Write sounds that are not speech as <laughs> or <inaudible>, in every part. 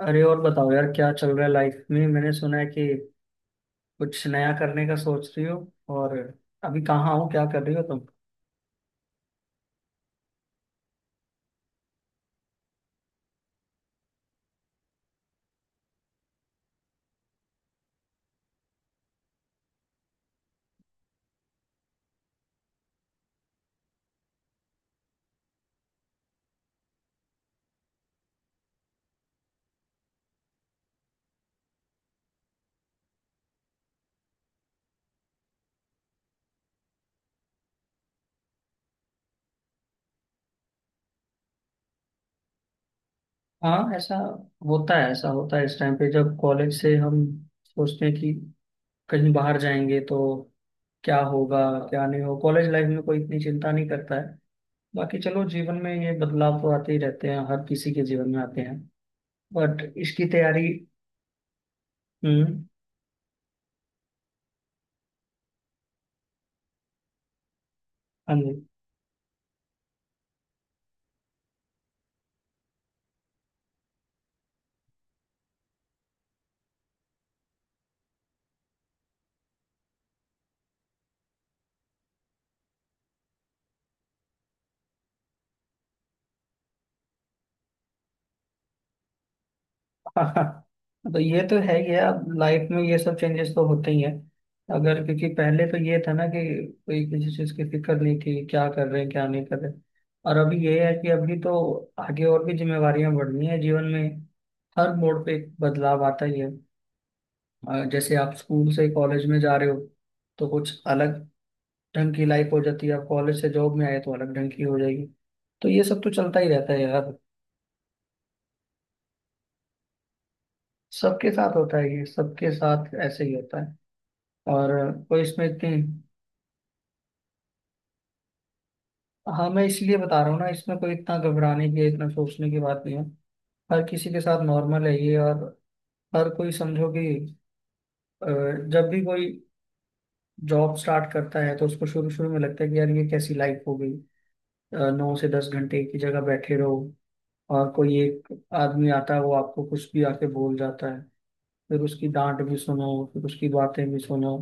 अरे, और बताओ यार, क्या चल रहा है लाइफ में। मैंने सुना है कि कुछ नया करने का सोच रही हो। और अभी कहाँ हो, क्या कर रही हो तुम? हाँ, ऐसा होता है, ऐसा होता है इस टाइम पे, जब कॉलेज से हम सोचते हैं कि कहीं बाहर जाएंगे तो क्या होगा, क्या नहीं हो। कॉलेज लाइफ में कोई इतनी चिंता नहीं करता है। बाकी चलो, जीवन में ये बदलाव तो आते ही रहते हैं, हर किसी के जीवन में आते हैं। बट इसकी तैयारी। हम्म। हाँ जी। हाँ, तो ये तो है ही है। अब लाइफ में ये सब चेंजेस तो होते ही हैं। अगर क्योंकि पहले तो ये था ना कि कोई किसी चीज की फिक्र नहीं थी, क्या कर रहे हैं क्या नहीं कर रहे हैं। और अभी ये है कि अभी तो आगे और भी जिम्मेवारियां बढ़नी है जीवन में। हर मोड़ पे एक बदलाव आता ही है। जैसे आप स्कूल से कॉलेज में जा रहे हो, तो कुछ अलग ढंग की लाइफ हो जाती है। आप कॉलेज से जॉब में आए तो अलग ढंग की हो जाएगी। तो ये सब तो चलता ही रहता है यार। सबके साथ होता है ये, सबके साथ ऐसे ही होता है। और कोई इसमें इतनी। हाँ, मैं इसलिए बता रहा हूँ ना, इसमें कोई इतना घबराने की, इतना सोचने की बात नहीं है। हर किसी के साथ नॉर्मल है ये। और हर कोई समझो कि अ, जब भी कोई जॉब स्टार्ट करता है तो उसको शुरू शुरू में लगता है कि यार ये कैसी लाइफ हो गई। 9 से 10 घंटे एक ही जगह बैठे रहो। और कोई एक आदमी आता है, वो आपको कुछ भी आके बोल जाता है। फिर उसकी डांट भी सुनो, फिर उसकी बातें भी सुनो।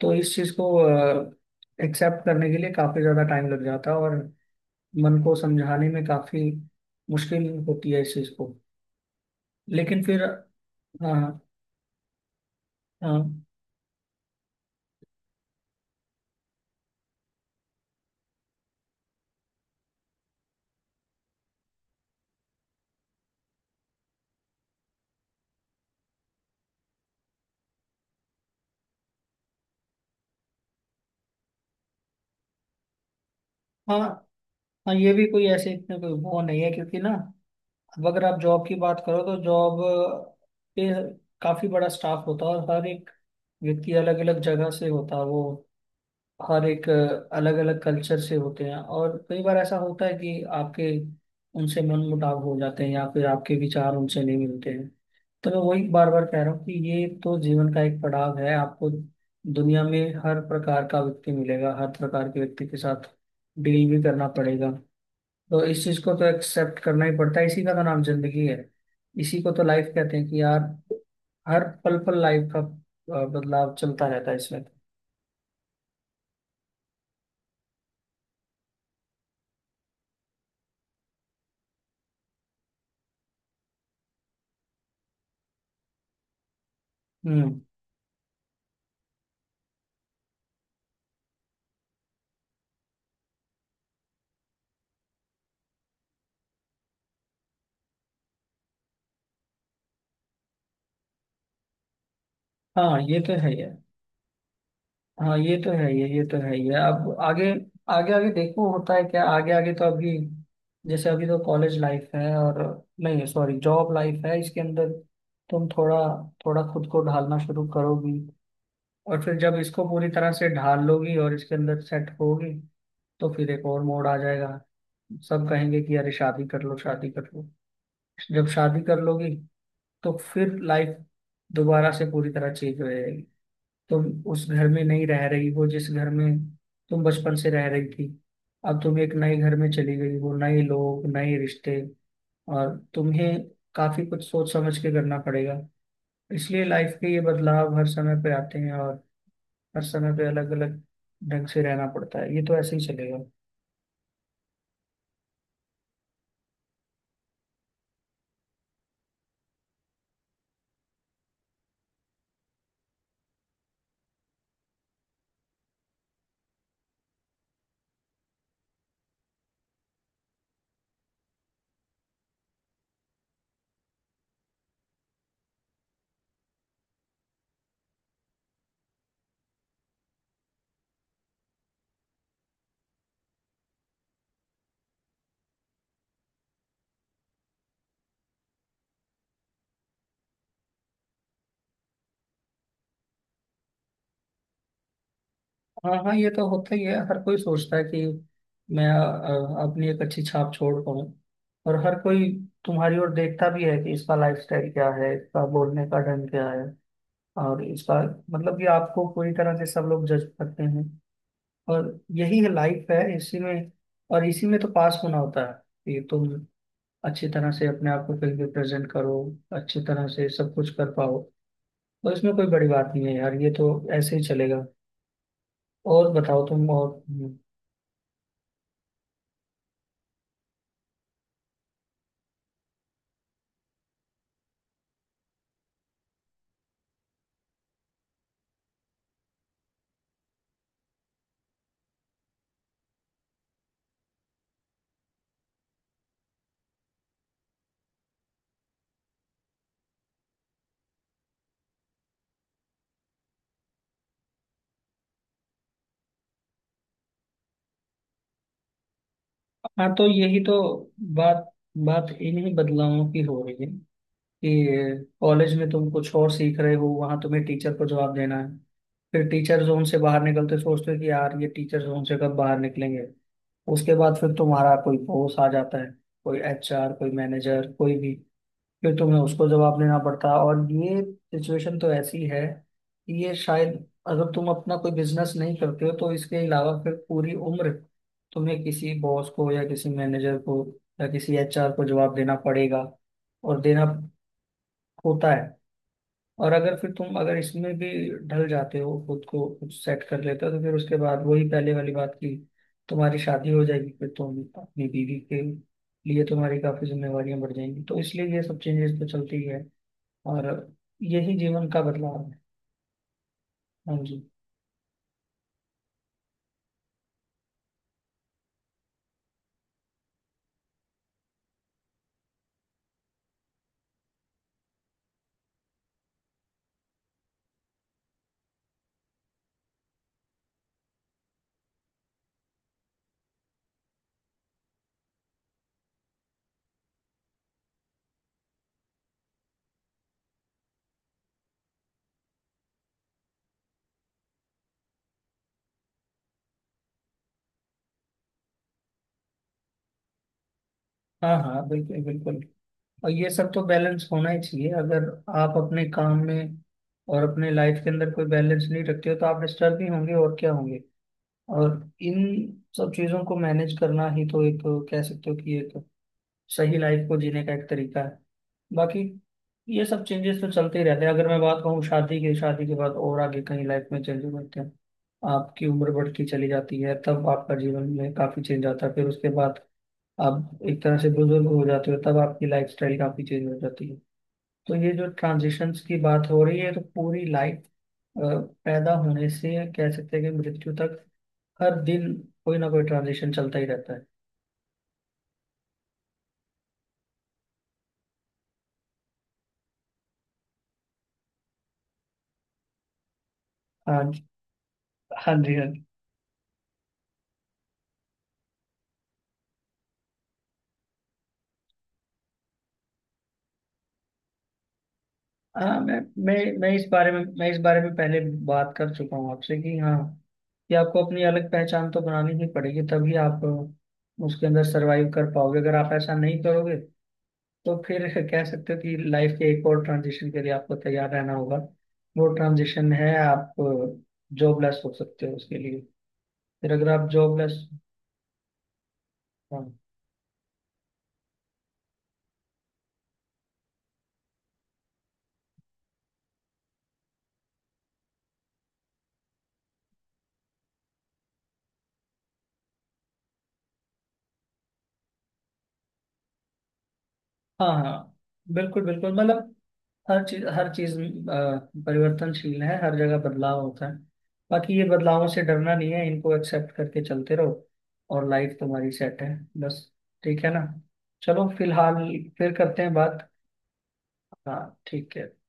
तो इस चीज़ को एक्सेप्ट करने के लिए काफी ज्यादा टाइम लग जाता है, और मन को समझाने में काफी मुश्किल होती है इस चीज को। लेकिन फिर। हाँ, हाँ, हाँ। हाँ, ये भी कोई ऐसे इतने कोई वो नहीं है, क्योंकि ना। अब अगर आप जॉब की बात करो तो जॉब पे काफी बड़ा स्टाफ होता है, और हर एक व्यक्ति अलग अलग जगह से होता है। वो हर एक अलग अलग कल्चर से होते हैं, और कई बार ऐसा होता है कि आपके उनसे मन मुटाव हो जाते हैं, या फिर आपके विचार उनसे नहीं मिलते हैं। तो मैं वही बार बार कह रहा हूँ कि ये तो जीवन का एक पड़ाव है। आपको दुनिया में हर प्रकार का व्यक्ति मिलेगा, हर प्रकार के व्यक्ति के साथ डील भी करना पड़ेगा। तो इस चीज को तो एक्सेप्ट करना ही पड़ता है। इसी का तो नाम जिंदगी है, इसी को तो लाइफ कहते हैं कि यार, हर पल पल लाइफ का बदलाव चलता रहता है इसमें। हम्म। हाँ, ये तो है ही है। हाँ, ये तो है ये तो है ये। अब आगे आगे आगे देखो होता है क्या। आगे आगे तो अभी, जैसे अभी तो कॉलेज लाइफ है, और नहीं, सॉरी, जॉब लाइफ है। इसके अंदर तुम थोड़ा थोड़ा खुद को ढालना शुरू करोगी, और फिर जब इसको पूरी तरह से ढाल लोगी और इसके अंदर सेट होगी, तो फिर एक और मोड़ आ जाएगा। सब कहेंगे कि अरे, शादी कर लो, शादी कर लो। जब शादी कर लोगी, तो फिर लाइफ दोबारा से पूरी तरह चेंज हो जाएगी। तुम उस घर में नहीं रह रही हो जिस घर में तुम बचपन से रह रही थी। अब तुम एक नए घर में चली गई हो, नए लोग, नए रिश्ते, और तुम्हें काफी कुछ सोच समझ के करना पड़ेगा। इसलिए लाइफ के ये बदलाव हर समय पे आते हैं, और हर समय पे अलग अलग ढंग से रहना पड़ता है। ये तो ऐसे ही चलेगा। हाँ, हाँ, ये तो होता ही है। हर कोई सोचता है कि मैं अपनी एक अच्छी छाप छोड़ पाऊँ। और हर कोई तुम्हारी ओर देखता भी है कि इसका लाइफस्टाइल क्या है, इसका बोलने का ढंग क्या है, और इसका मतलब कि आपको पूरी तरह से सब लोग जज करते हैं। और यही है लाइफ, है इसी में। और इसी में तो पास होना होता है कि तुम अच्छी तरह से अपने आप को फिल्म में प्रेजेंट करो, अच्छी तरह से सब कुछ कर पाओ। तो इसमें कोई बड़ी बात नहीं है यार, ये तो ऐसे ही चलेगा। और बताओ तुम, और? हाँ, तो यही तो बात बात इन्हीं बदलावों की हो रही है कि कॉलेज में तुम कुछ और सीख रहे हो, वहां तुम्हें टीचर को जवाब देना है। फिर टीचर जोन से बाहर निकलते सोचते हो कि यार ये टीचर जोन से कब बाहर निकलेंगे। उसके बाद फिर तुम्हारा कोई बॉस आ जाता है, कोई एचआर, कोई मैनेजर, कोई भी। फिर तुम्हें उसको जवाब देना पड़ता है। और ये सिचुएशन तो ऐसी है कि ये शायद, अगर तुम अपना कोई बिजनेस नहीं करते हो तो इसके अलावा फिर पूरी उम्र तुम्हें किसी बॉस को, या किसी मैनेजर को, या किसी एचआर को जवाब देना पड़ेगा। और देना होता है। और अगर फिर तुम, अगर इसमें भी ढल जाते हो, खुद को कुछ सेट कर लेते हो, तो फिर उसके बाद वही पहले वाली बात की तुम्हारी शादी हो जाएगी। फिर तुम अपनी बीवी के लिए, तुम्हारी काफी जिम्मेवारियां बढ़ जाएंगी। तो इसलिए ये सब चेंजेस तो चलती ही है, और यही जीवन का बदलाव है। हाँ जी। हाँ, हाँ, बिल्कुल, बिल्कुल। और ये सब तो बैलेंस होना ही चाहिए। अगर आप अपने काम में और अपने लाइफ के अंदर कोई बैलेंस नहीं रखते हो तो आप डिस्टर्ब ही होंगे, और क्या होंगे। और इन सब चीजों को मैनेज करना ही तो एक, कह सकते हो कि एक सही लाइफ को जीने का एक तरीका है। बाकी ये सब चेंजेस तो चलते ही रहते हैं। अगर मैं बात कहूँ, शादी के बाद और आगे कहीं लाइफ में चेंजेस होते हैं। आपकी उम्र बढ़ती चली जाती है, तब आपका जीवन में काफी चेंज आता है। फिर उसके बाद आप एक तरह से बुजुर्ग हो जाते हो, तब आपकी लाइफ स्टाइल काफी चेंज हो जाती है। तो ये जो ट्रांजिशंस की बात हो रही है, तो पूरी लाइफ, पैदा होने से कह सकते हैं कि मृत्यु तक, हर दिन कोई ना कोई ट्रांजिशन चलता ही रहता है। हाँ, हाँ जी, हाँ जी। हाँ, मैं मैं इस बारे में पहले बात कर चुका हूँ आपसे कि हाँ, कि आपको अपनी अलग पहचान तो बनानी ही पड़ेगी, तभी आप उसके अंदर सरवाइव कर पाओगे। अगर आप ऐसा नहीं करोगे, तो फिर <laughs> कह सकते हो कि लाइफ के एक और ट्रांजिशन के लिए आपको तैयार रहना होगा। वो ट्रांजिशन है, आप जॉबलेस हो सकते हो। उसके लिए फिर अगर आप जॉबलेस। हाँ, हाँ, हाँ, बिल्कुल, बिल्कुल। मतलब, हर चीज, हर चीज परिवर्तनशील है, हर जगह बदलाव होता है। बाकी ये बदलावों से डरना नहीं है, इनको एक्सेप्ट करके चलते रहो, और लाइफ तुम्हारी सेट है। बस। ठीक है ना? चलो फिलहाल, फिर करते हैं बात। हाँ ठीक है।